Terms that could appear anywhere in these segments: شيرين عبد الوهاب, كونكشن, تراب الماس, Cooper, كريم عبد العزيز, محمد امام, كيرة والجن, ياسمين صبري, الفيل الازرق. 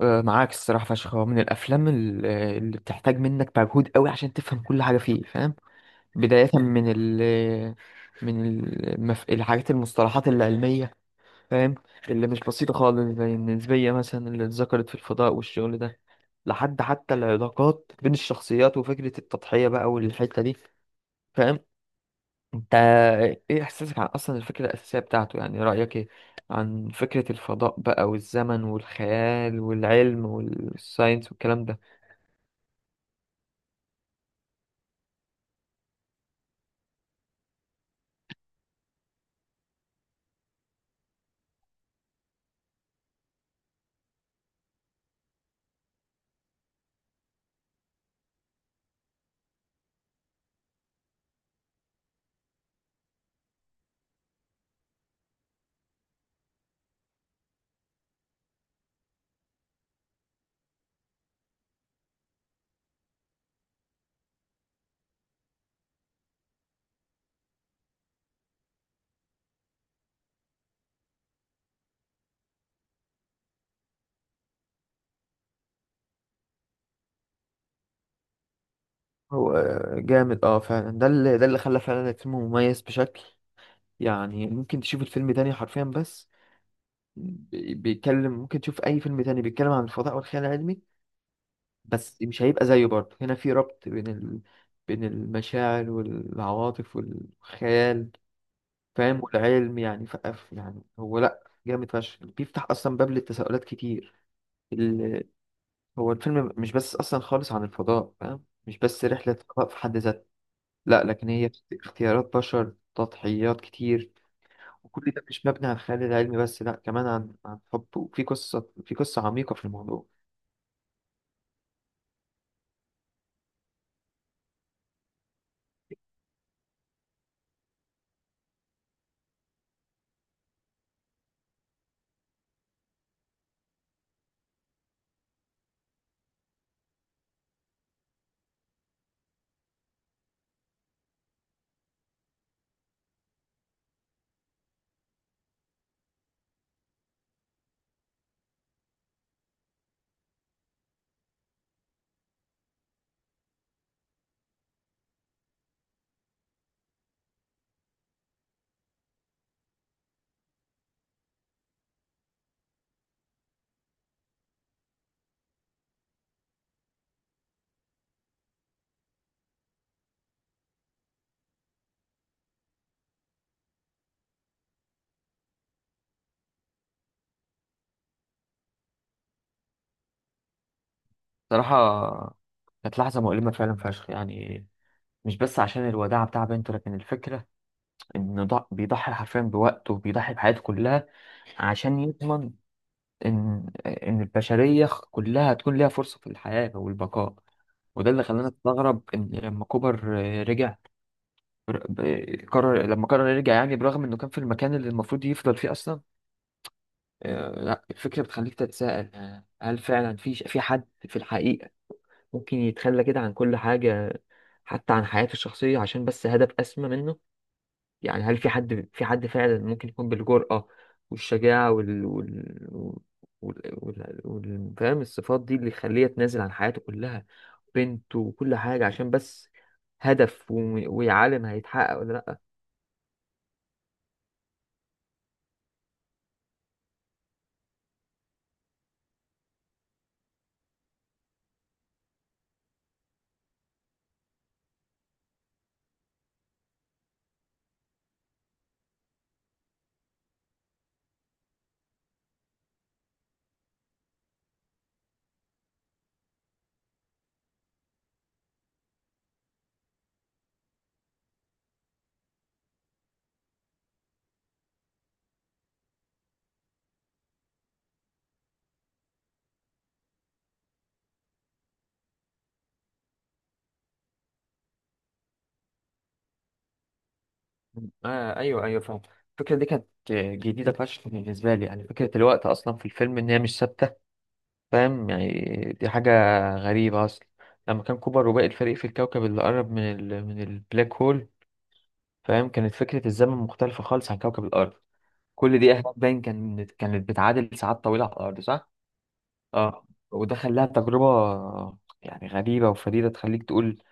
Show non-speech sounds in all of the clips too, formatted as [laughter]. آه، معاك الصراحة فشخ هو من الأفلام اللي بتحتاج منك مجهود قوي عشان تفهم كل حاجة فيه فاهم. بداية من الحاجات المصطلحات العلمية فاهم، اللي مش بسيطة خالص زي النسبية مثلا اللي اتذكرت في الفضاء والشغل ده، لحد حتى العلاقات بين الشخصيات وفكرة التضحية بقى والحتة دي فاهم. انت ايه احساسك عن اصلا الفكرة الأساسية بتاعته؟ يعني رأيك ايه عن فكرة الفضاء بقى والزمن والخيال والعلم والساينس والكلام ده؟ هو جامد اه فعلا، ده اللي خلى فعلا الفيلم مميز بشكل يعني. ممكن تشوف الفيلم تاني حرفيا، بس بي- بيتكلم ممكن تشوف اي فيلم تاني بيتكلم عن الفضاء والخيال العلمي، بس مش هيبقى زيه. برضه هنا في ربط بين بين المشاعر والعواطف والخيال فاهم والعلم، يعني يعني هو لا جامد فشخ، بيفتح اصلا باب للتساؤلات كتير. ال... هو الفيلم مش بس اصلا خالص عن الفضاء فاهم، مش بس رحلة فضاء في حد ذاتها، لا، لكن هي اختيارات بشر، تضحيات كتير، وكل ده مش مبني على الخيال العلمي بس، لا كمان عن حب، وفي قصة، في قصة عميقة في الموضوع. صراحة كانت لحظة مؤلمة فعلا فشخ يعني، مش بس عشان الوداع بتاع بنته، لكن الفكرة إنه بيضحي حرفيا بوقته وبيضحي بحياته كلها عشان يضمن إن البشرية كلها تكون ليها فرصة في الحياة والبقاء. وده اللي خلاني أستغرب إن لما كوبر رجع، ب- قرر لما قرر يرجع يعني، برغم انه كان في المكان اللي المفروض يفضل فيه اصلا. لا الفكره بتخليك تتساءل، هل فعلا في حد في الحقيقه ممكن يتخلى كده عن كل حاجه، حتى عن حياته الشخصيه، عشان بس هدف اسمى منه؟ يعني هل في حد، فعلا ممكن يكون بالجرأه والشجاعه فاهم الصفات دي اللي يخليه يتنازل عن حياته كلها، بنته وكل حاجه، عشان بس هدف ويعلم هيتحقق ولا؟ آه أيوه أيوه فاهم. الفكرة دي كانت جديدة فشخ بالنسبة لي، يعني فكرة الوقت أصلا في الفيلم إن هي مش ثابتة فاهم يعني. دي حاجة غريبة أصلا. لما كان كوبر وباقي الفريق في الكوكب اللي قرب من من البلاك هول فاهم، كانت فكرة الزمن مختلفة خالص عن كوكب الأرض. كل دقيقة هناك باين كانت بتعادل ساعات طويلة على الأرض، صح؟ اه، وده خلاها تجربة يعني غريبة وفريدة، تخليك تقول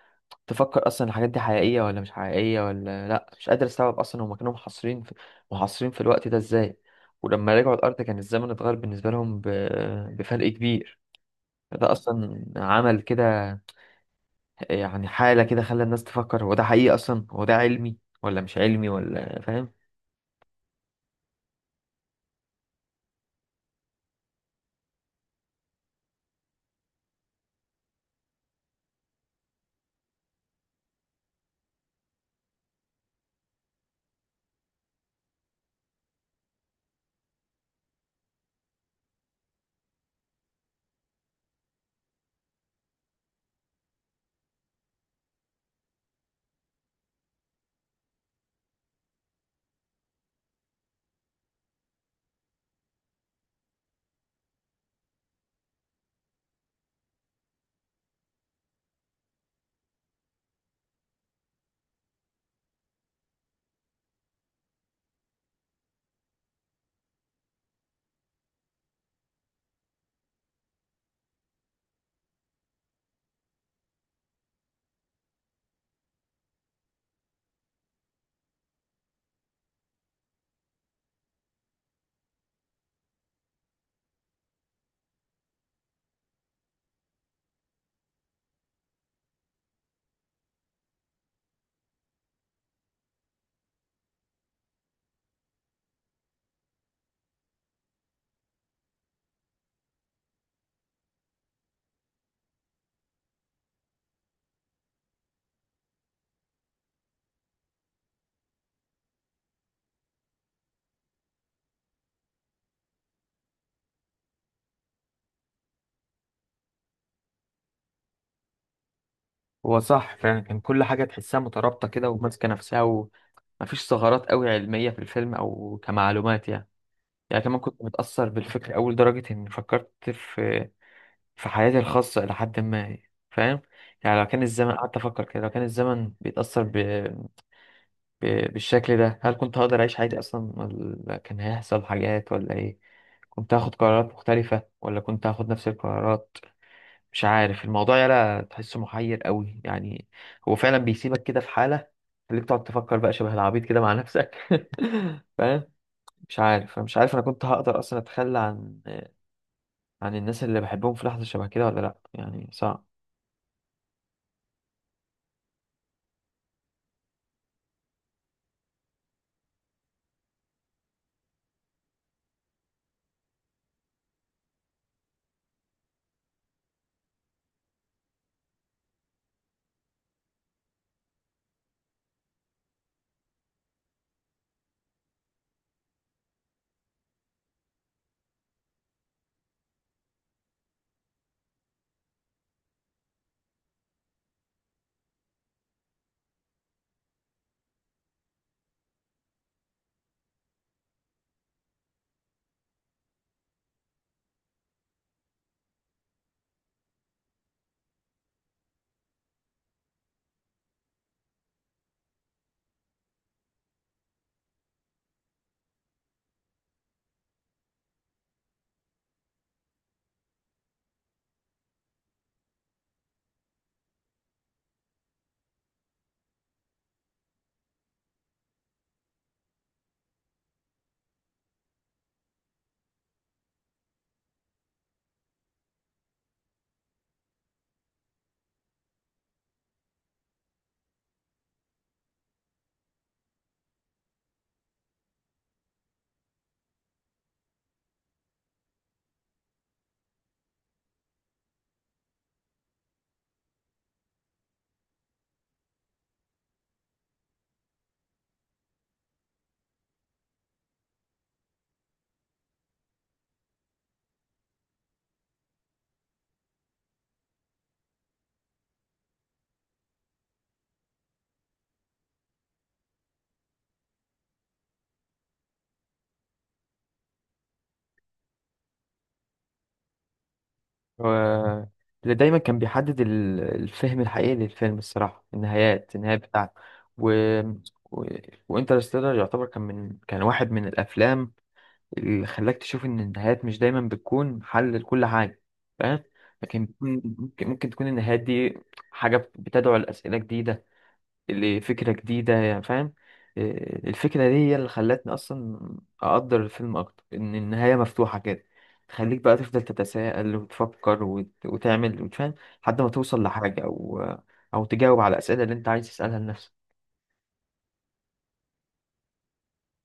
تفكر اصلا الحاجات دي حقيقية ولا مش حقيقية، ولا لا مش قادر استوعب اصلا. هما كانوا محاصرين في الوقت ده ازاي؟ ولما رجعوا الارض كان الزمن اتغير بالنسبة لهم بفرق كبير. فده اصلا عمل كده يعني حالة، كده خلى الناس تفكر هو ده حقيقي اصلا، هو ده علمي ولا مش علمي ولا فاهم. هو صح فعلا، كان كل حاجة تحسها مترابطة كده وماسكة نفسها، ومفيش ثغرات قوي علمية في الفيلم او كمعلومات يعني. يعني كمان كنت متأثر بالفكر أول درجة إني فكرت في في حياتي الخاصة إلى حد ما فاهم. يعني لو كان الزمن، قعدت أفكر كده، لو كان الزمن بيتأثر ب... بالشكل ده، هل كنت هقدر أعيش حياتي أصلا؟ ولا كان هيحصل حاجات، ولا إيه؟ كنت هاخد قرارات مختلفة، ولا كنت هاخد نفس القرارات؟ مش عارف، الموضوع يلا تحسه محير قوي يعني. هو فعلا بيسيبك كده في حالة، خليك تقعد تفكر بقى شبه العبيط كده مع نفسك. [laughs] فاهم. مش عارف انا كنت هقدر اصلا اتخلى عن الناس اللي بحبهم في لحظة شبه كده ولا لأ؟ يعني صعب. و... اللي دايما كان بيحدد الفهم الحقيقي للفيلم الصراحة النهاية بتاعته. و... و... وانترستيلر يعتبر، كان من، كان واحد من الأفلام اللي خلاك تشوف إن النهايات مش دايما بتكون حل لكل حاجة فاهم. لكن ممكن تكون النهايات دي حاجة بتدعو لأسئلة جديدة، لفكرة جديدة، يعني فاهم. إيه، الفكرة دي هي اللي خلتني أصلا أقدر الفيلم أكتر، إن النهاية مفتوحة كده تخليك بقى تفضل تتساءل وتفكر وتعمل وتفهم لحد ما توصل لحاجة، أو أو تجاوب على الأسئلة اللي أنت عايز تسألها لنفسك.